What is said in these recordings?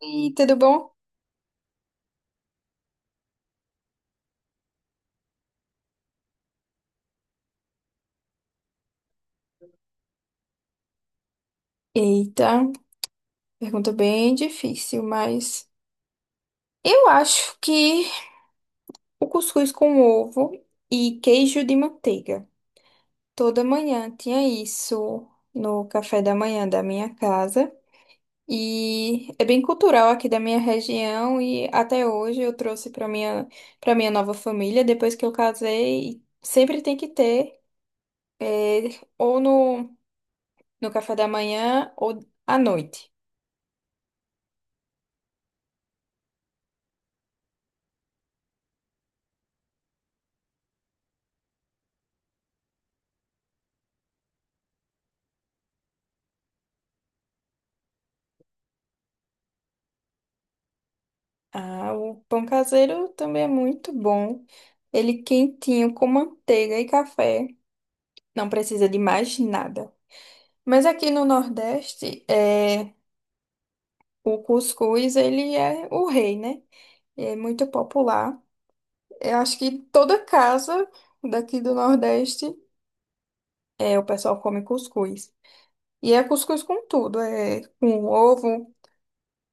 Oi, tudo bom? Eita, pergunta bem difícil, mas eu acho que o cuscuz com ovo e queijo de manteiga. Toda manhã tinha isso no café da manhã da minha casa e é bem cultural aqui da minha região e até hoje eu trouxe para minha nova família depois que eu casei, e sempre tem que ter é, ou no café da manhã ou à noite. Ah, o pão caseiro também é muito bom. Ele quentinho com manteiga e café. Não precisa de mais nada. Mas aqui no Nordeste, o cuscuz, ele é o rei, né? É muito popular. Eu acho que toda casa daqui do Nordeste, o pessoal come cuscuz. E é cuscuz com tudo. É com ovo,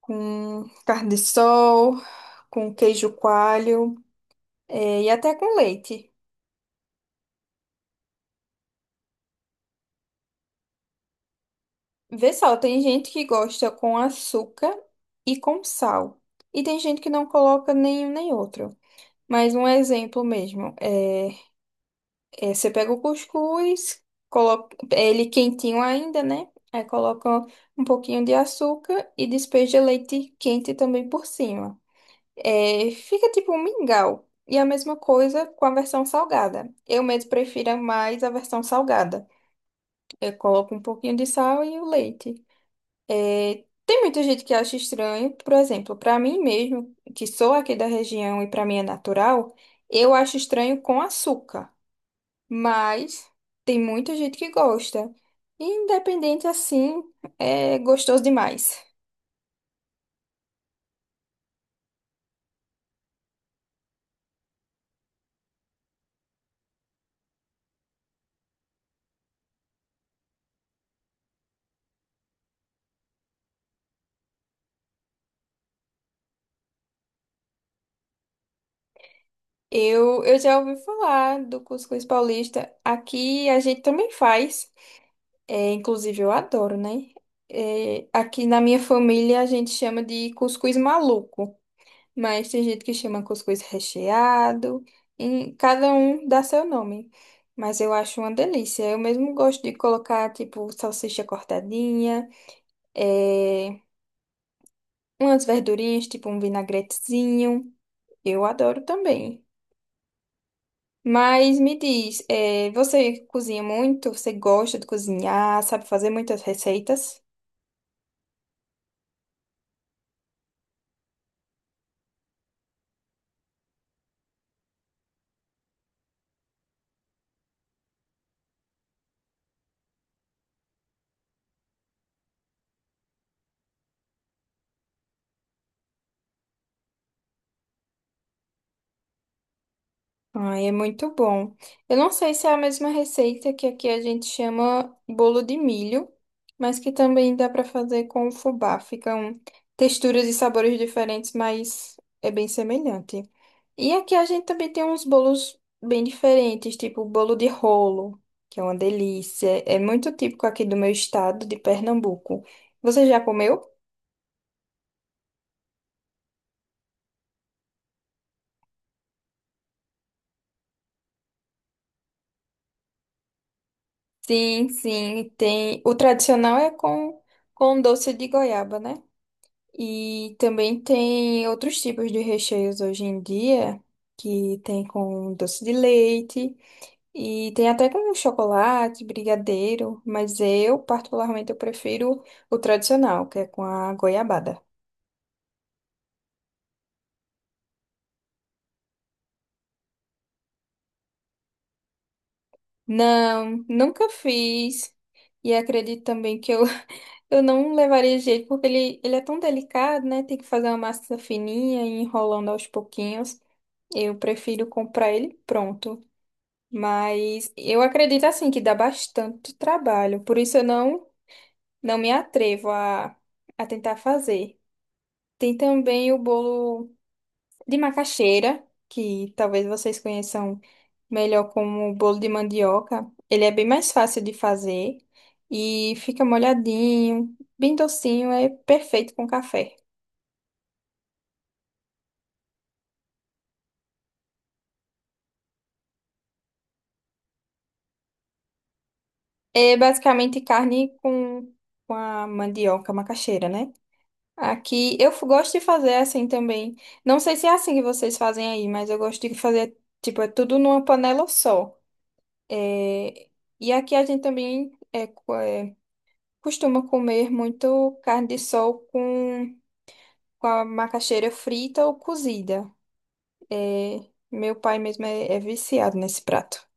com carne de sol, com queijo coalho, é, e até com leite. Vê só, tem gente que gosta com açúcar e com sal. E tem gente que não coloca nenhum nem outro. Mas um exemplo mesmo, você pega o cuscuz, coloca é ele quentinho ainda, né? Aí coloca um pouquinho de açúcar e despeja leite quente também por cima. É, fica tipo um mingau. E a mesma coisa com a versão salgada. Eu mesmo prefiro mais a versão salgada. Eu coloco um pouquinho de sal e o leite. É, tem muita gente que acha estranho, por exemplo, para mim mesmo, que sou aqui da região e para mim é natural, eu acho estranho com açúcar, mas tem muita gente que gosta. Independente assim, é gostoso demais. Eu já ouvi falar do cuscuz paulista. Aqui a gente também faz. É, inclusive eu adoro, né? É, aqui na minha família a gente chama de cuscuz maluco. Mas tem gente que chama cuscuz recheado, e cada um dá seu nome. Mas eu acho uma delícia. Eu mesmo gosto de colocar, tipo, salsicha cortadinha, eh, umas verdurinhas, tipo um vinagretezinho. Eu adoro também. Mas me diz, você cozinha muito? Você gosta de cozinhar? Sabe fazer muitas receitas? Ai, é muito bom. Eu não sei se é a mesma receita que aqui a gente chama bolo de milho, mas que também dá para fazer com o fubá. Ficam texturas e sabores diferentes, mas é bem semelhante. E aqui a gente também tem uns bolos bem diferentes, tipo bolo de rolo, que é uma delícia. É muito típico aqui do meu estado, de Pernambuco. Você já comeu? Sim, sim, tem. O tradicional é com doce de goiaba, né? E também tem outros tipos de recheios hoje em dia, que tem com doce de leite e tem até com chocolate, brigadeiro, mas eu, particularmente, eu prefiro o tradicional, que é com a goiabada. Não, nunca fiz. E acredito também que eu, eu não levaria jeito, porque ele é tão delicado, né? Tem que fazer uma massa fininha e ir enrolando aos pouquinhos. Eu prefiro comprar ele pronto. Mas eu acredito assim que dá bastante trabalho, por isso eu não me atrevo a tentar fazer. Tem também o bolo de macaxeira, que talvez vocês conheçam melhor como bolo de mandioca. Ele é bem mais fácil de fazer e fica molhadinho, bem docinho, é perfeito com café. É basicamente carne com a mandioca, macaxeira, né? Aqui eu gosto de fazer assim também. Não sei se é assim que vocês fazem aí, mas eu gosto de fazer, tipo, é tudo numa panela só. É, E aqui a gente também costuma comer muito carne de sol com a macaxeira frita ou cozida. É, Meu pai mesmo é viciado nesse prato.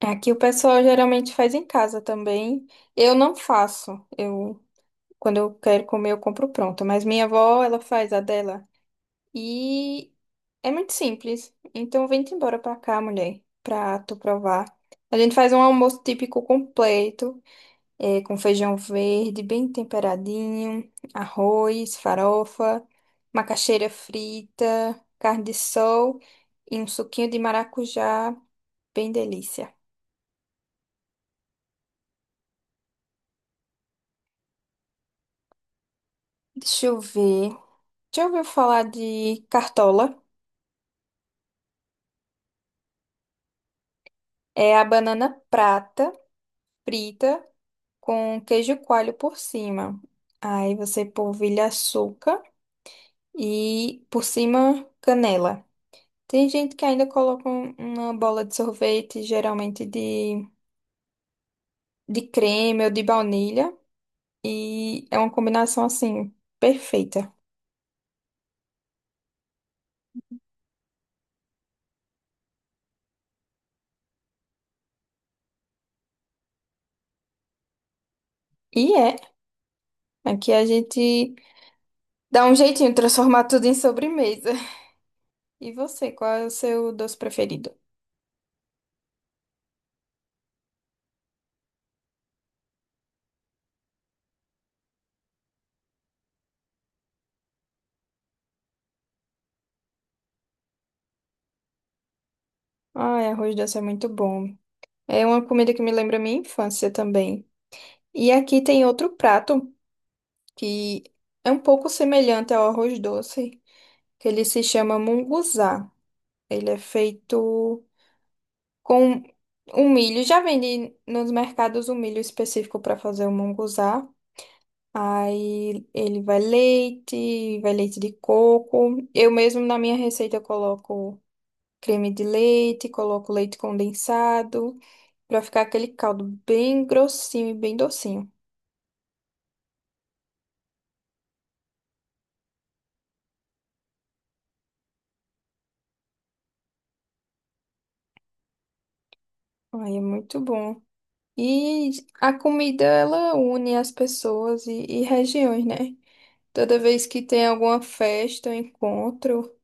Aqui o pessoal geralmente faz em casa também. Eu não faço. Eu, quando eu quero comer, eu compro pronto. Mas minha avó, ela faz a dela. E é muito simples. Então vem-te embora pra cá, mulher, pra tu provar. A gente faz um almoço típico completo, com feijão verde, bem temperadinho, arroz, farofa, macaxeira frita, carne de sol e um suquinho de maracujá, bem delícia. Deixa eu ver. Já ouviu falar de cartola? É a banana prata, frita, com queijo coalho por cima. Aí você polvilha açúcar e por cima canela. Tem gente que ainda coloca uma bola de sorvete, geralmente de creme ou de baunilha. E é uma combinação assim, perfeita. E é, aqui a gente dá um jeitinho de transformar tudo em sobremesa. E você, qual é o seu doce preferido? Ai, arroz doce é muito bom. É uma comida que me lembra a minha infância também. E aqui tem outro prato que é um pouco semelhante ao arroz doce, que ele se chama munguzá. Ele é feito com um milho. Já vende nos mercados um milho específico para fazer o munguzá. Aí ele vai leite de coco. Eu mesmo na minha receita eu coloco creme de leite, coloco leite condensado. Pra ficar aquele caldo bem grossinho e bem docinho. Ai, é muito bom. E a comida, ela une as pessoas e regiões, né? Toda vez que tem alguma festa, um encontro,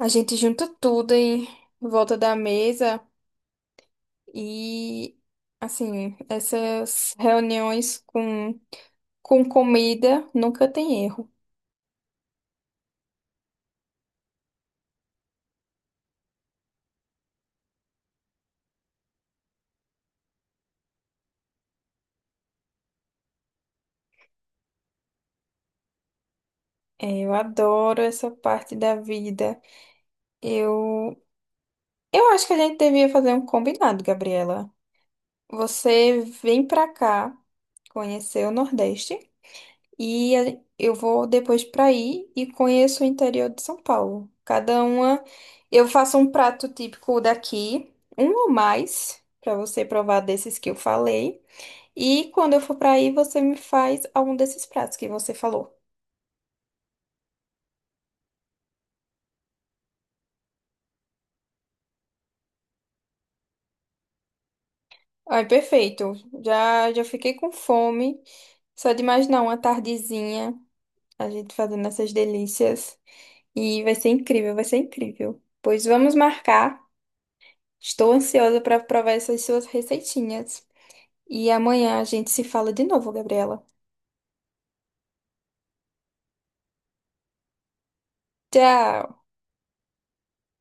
a gente junta tudo em volta da mesa e, assim, essas reuniões com comida nunca tem erro. É, eu adoro essa parte da vida. Eu, eu acho que a gente devia fazer um combinado, Gabriela. Você vem pra cá conhecer o Nordeste e eu vou depois pra aí e conheço o interior de São Paulo. Cada uma, eu faço um prato típico daqui, um ou mais, pra você provar desses que eu falei. E quando eu for pra aí, você me faz algum desses pratos que você falou. Ai, perfeito. Já já fiquei com fome. Só de imaginar uma tardezinha, a gente fazendo essas delícias. E vai ser incrível, vai ser incrível. Pois vamos marcar. Estou ansiosa para provar essas suas receitinhas. E amanhã a gente se fala de novo, Gabriela. Tchau!